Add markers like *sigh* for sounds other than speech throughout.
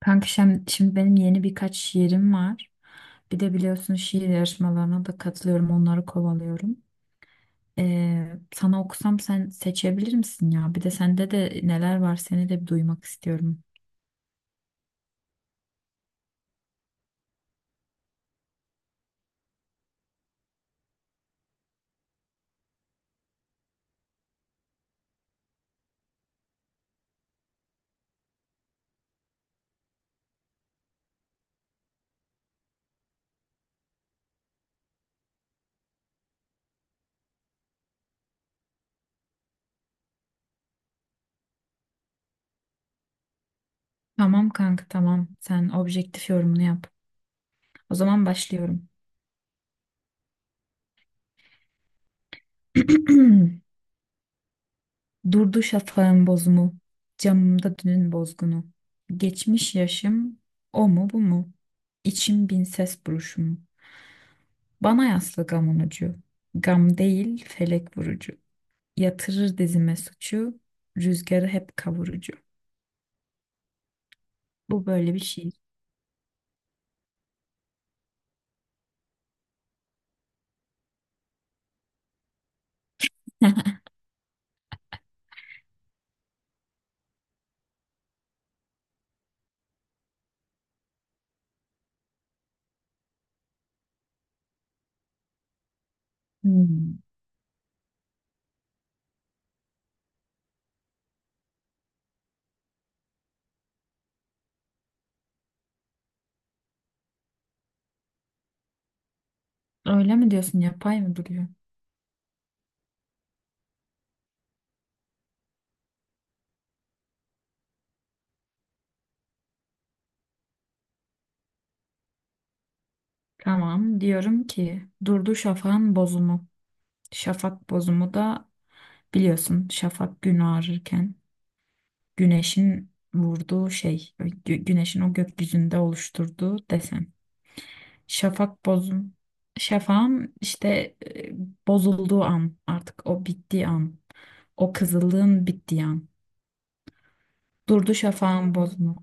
Kanka şimdi, şimdi benim yeni birkaç şiirim var. Bir de biliyorsun şiir yarışmalarına da katılıyorum, onları kovalıyorum. Sana okusam sen seçebilir misin ya? Bir de sende de neler var seni de bir duymak istiyorum. Tamam kanka, tamam. Sen objektif yorumunu yap. O zaman başlıyorum. *clears throat* Durdu şafağın bozumu, camımda dünün bozgunu. Geçmiş yaşım, o mu bu mu? İçim bin ses buruşumu. Bana yaslı gamın ucu. Gam değil, felek vurucu. Yatırır dizime suçu. Rüzgarı hep kavurucu. Bu böyle bir şiir. Hmm. Öyle mi diyorsun, yapay mı duruyor? Tamam, diyorum ki durdu şafağın bozumu. Şafak bozumu da biliyorsun, şafak gün ağrırken güneşin vurduğu şey. Güneşin o gökyüzünde oluşturduğu desen. Şafak bozum. Şafağın işte e, bozulduğu an, artık o bittiği an. O kızılığın bittiği an. Durdu şafağın bozma.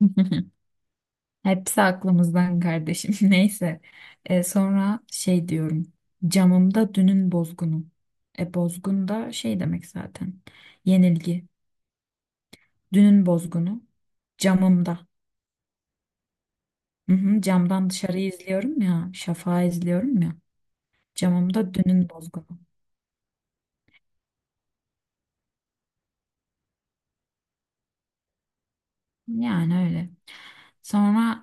*laughs* Hepsi aklımızdan kardeşim. *laughs* Neyse. Sonra şey diyorum. Camımda dünün bozgunu. E, bozgun da şey demek zaten. Yenilgi. Dünün bozgunu. Camımda. Hı hı, camdan dışarıyı izliyorum ya. Şafağı izliyorum ya. Camımda dünün bozgunu. Yani öyle. Sonra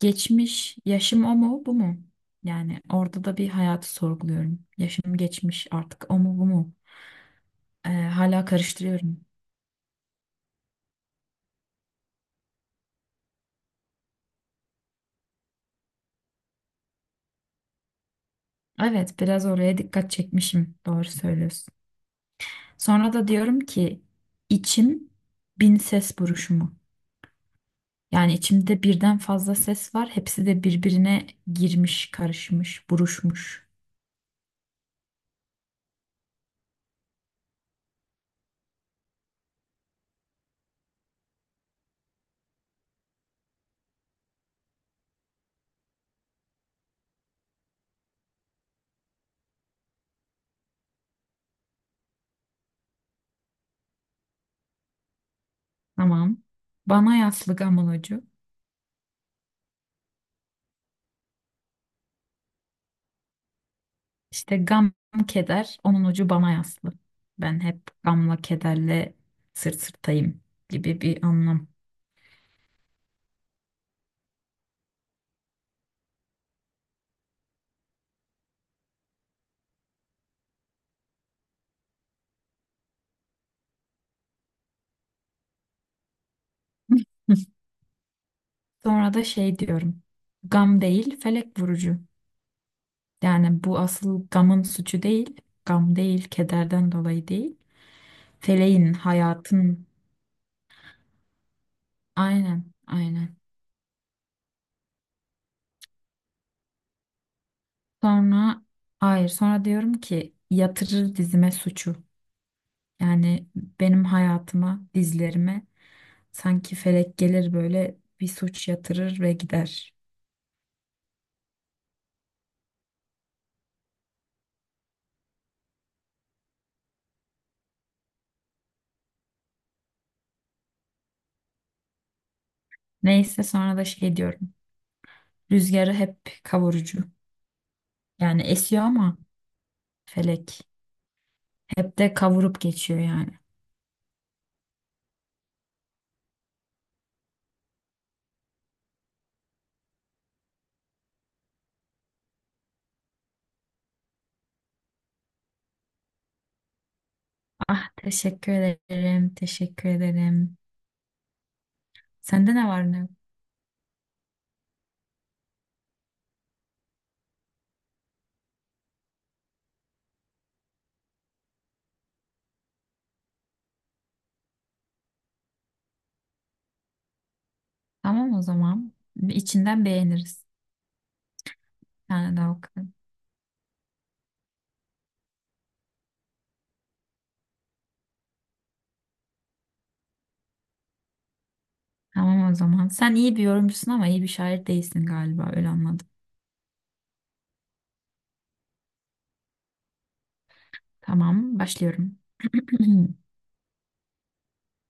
geçmiş yaşım, o mu bu mu? Yani orada da bir hayatı sorguluyorum. Yaşım geçmiş artık, o mu bu mu? Hala karıştırıyorum. Evet, biraz oraya dikkat çekmişim. Doğru söylüyorsun. Sonra da diyorum ki içim bin ses buruşumu. Yani içimde birden fazla ses var. Hepsi de birbirine girmiş, karışmış, buruşmuş. Tamam. Bana yaslı gamulocu. İşte gam, keder, onun ucu bana yaslı. Ben hep gamla kederle sırt sırtayım gibi bir anlam. *laughs* Sonra da şey diyorum. Gam değil, felek vurucu. Yani bu asıl gamın suçu değil. Gam değil, kederden dolayı değil. Feleğin, hayatın. Aynen, aynen. Sonra, hayır, sonra diyorum ki yatırır dizime suçu. Yani benim hayatıma, dizlerime sanki felek gelir, böyle bir suç yatırır ve gider. Neyse, sonra da şey diyorum. Rüzgarı hep kavurucu. Yani esiyor ama felek hep de kavurup geçiyor yani. Ah, teşekkür ederim, teşekkür ederim. Sende ne var ne yok? Tamam o zaman. İçinden beğeniriz. Bir tane daha okudum. Tamam o zaman. Sen iyi bir yorumcusun ama iyi bir şair değilsin galiba, öyle anladım. Tamam, başlıyorum. *clears throat*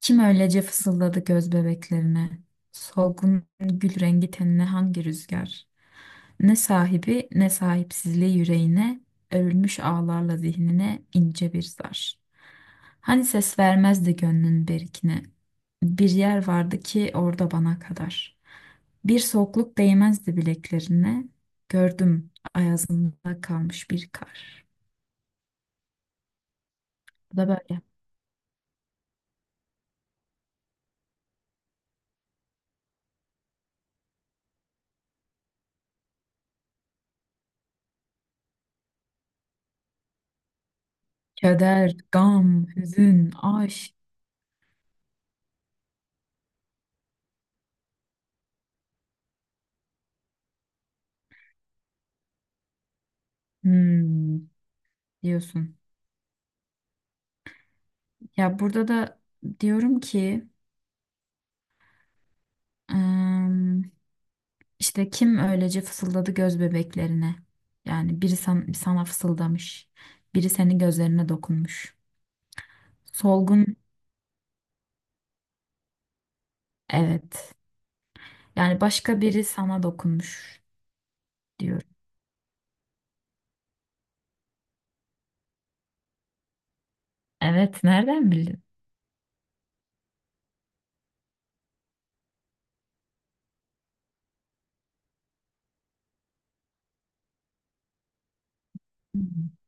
Kim öylece fısıldadı göz bebeklerine? Solgun gül rengi tenine hangi rüzgar? Ne sahibi ne sahipsizliği yüreğine, örülmüş ağlarla zihnine ince bir zar. Hani ses vermezdi gönlün berikine. Bir yer vardı ki orada bana kadar. Bir soğukluk değmezdi bileklerine. Gördüm ayazında kalmış bir kar. Bu da böyle. Keder, gam, hüzün, aşk. Hmm. Diyorsun. Ya burada da diyorum ki ım, işte kim öylece fısıldadı göz bebeklerine. Yani biri sana fısıldamış. Biri senin gözlerine dokunmuş. Solgun, evet. Yani başka biri sana dokunmuş diyorum. Evet, nereden bildin? Hmm.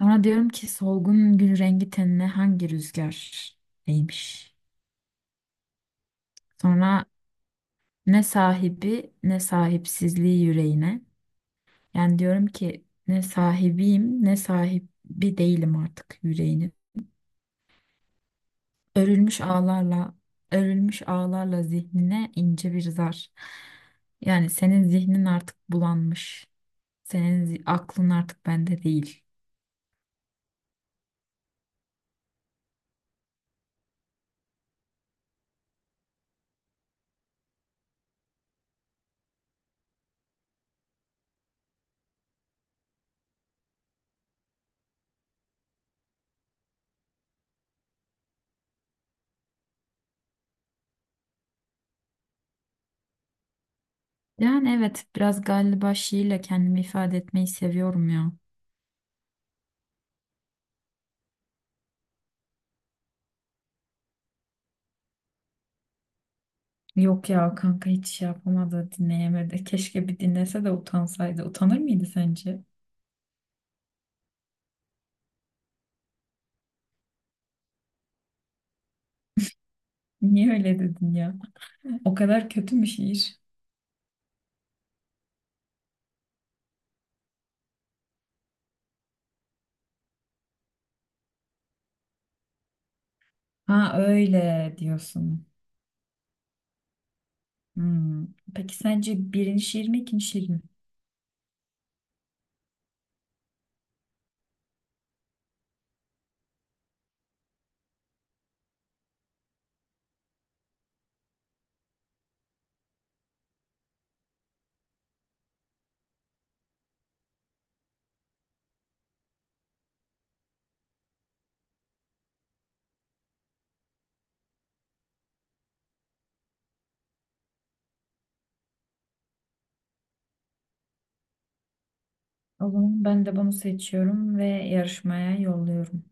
Sonra diyorum ki solgun gül rengi tenine hangi rüzgar değmiş? Sonra ne sahibi ne sahipsizliği yüreğine. Yani diyorum ki ne sahibiyim ne sahibi değilim artık yüreğinin. Örülmüş ağlarla, örülmüş ağlarla zihnine ince bir zar. Yani senin zihnin artık bulanmış. Aklın artık bende değil. Yani evet, biraz galiba şiirle kendimi ifade etmeyi seviyorum ya. Yok ya kanka, hiç şey yapamadı, dinleyemedi. Keşke bir dinlese de utansaydı. Utanır mıydı sence? Niye öyle dedin ya? O kadar kötü mü şiir? Ha, öyle diyorsun. Hmm. Peki sence birinci şiir mi ikinci şiir mi? O zaman ben de bunu seçiyorum ve yarışmaya yolluyorum.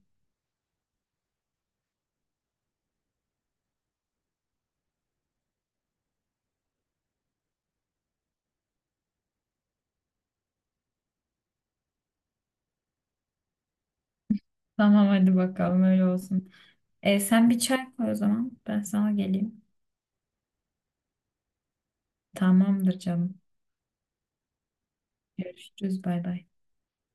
Tamam, hadi bakalım öyle olsun. Sen bir çay koy o zaman. Ben sana geleyim. Tamamdır canım. Görüşürüz, bay bay.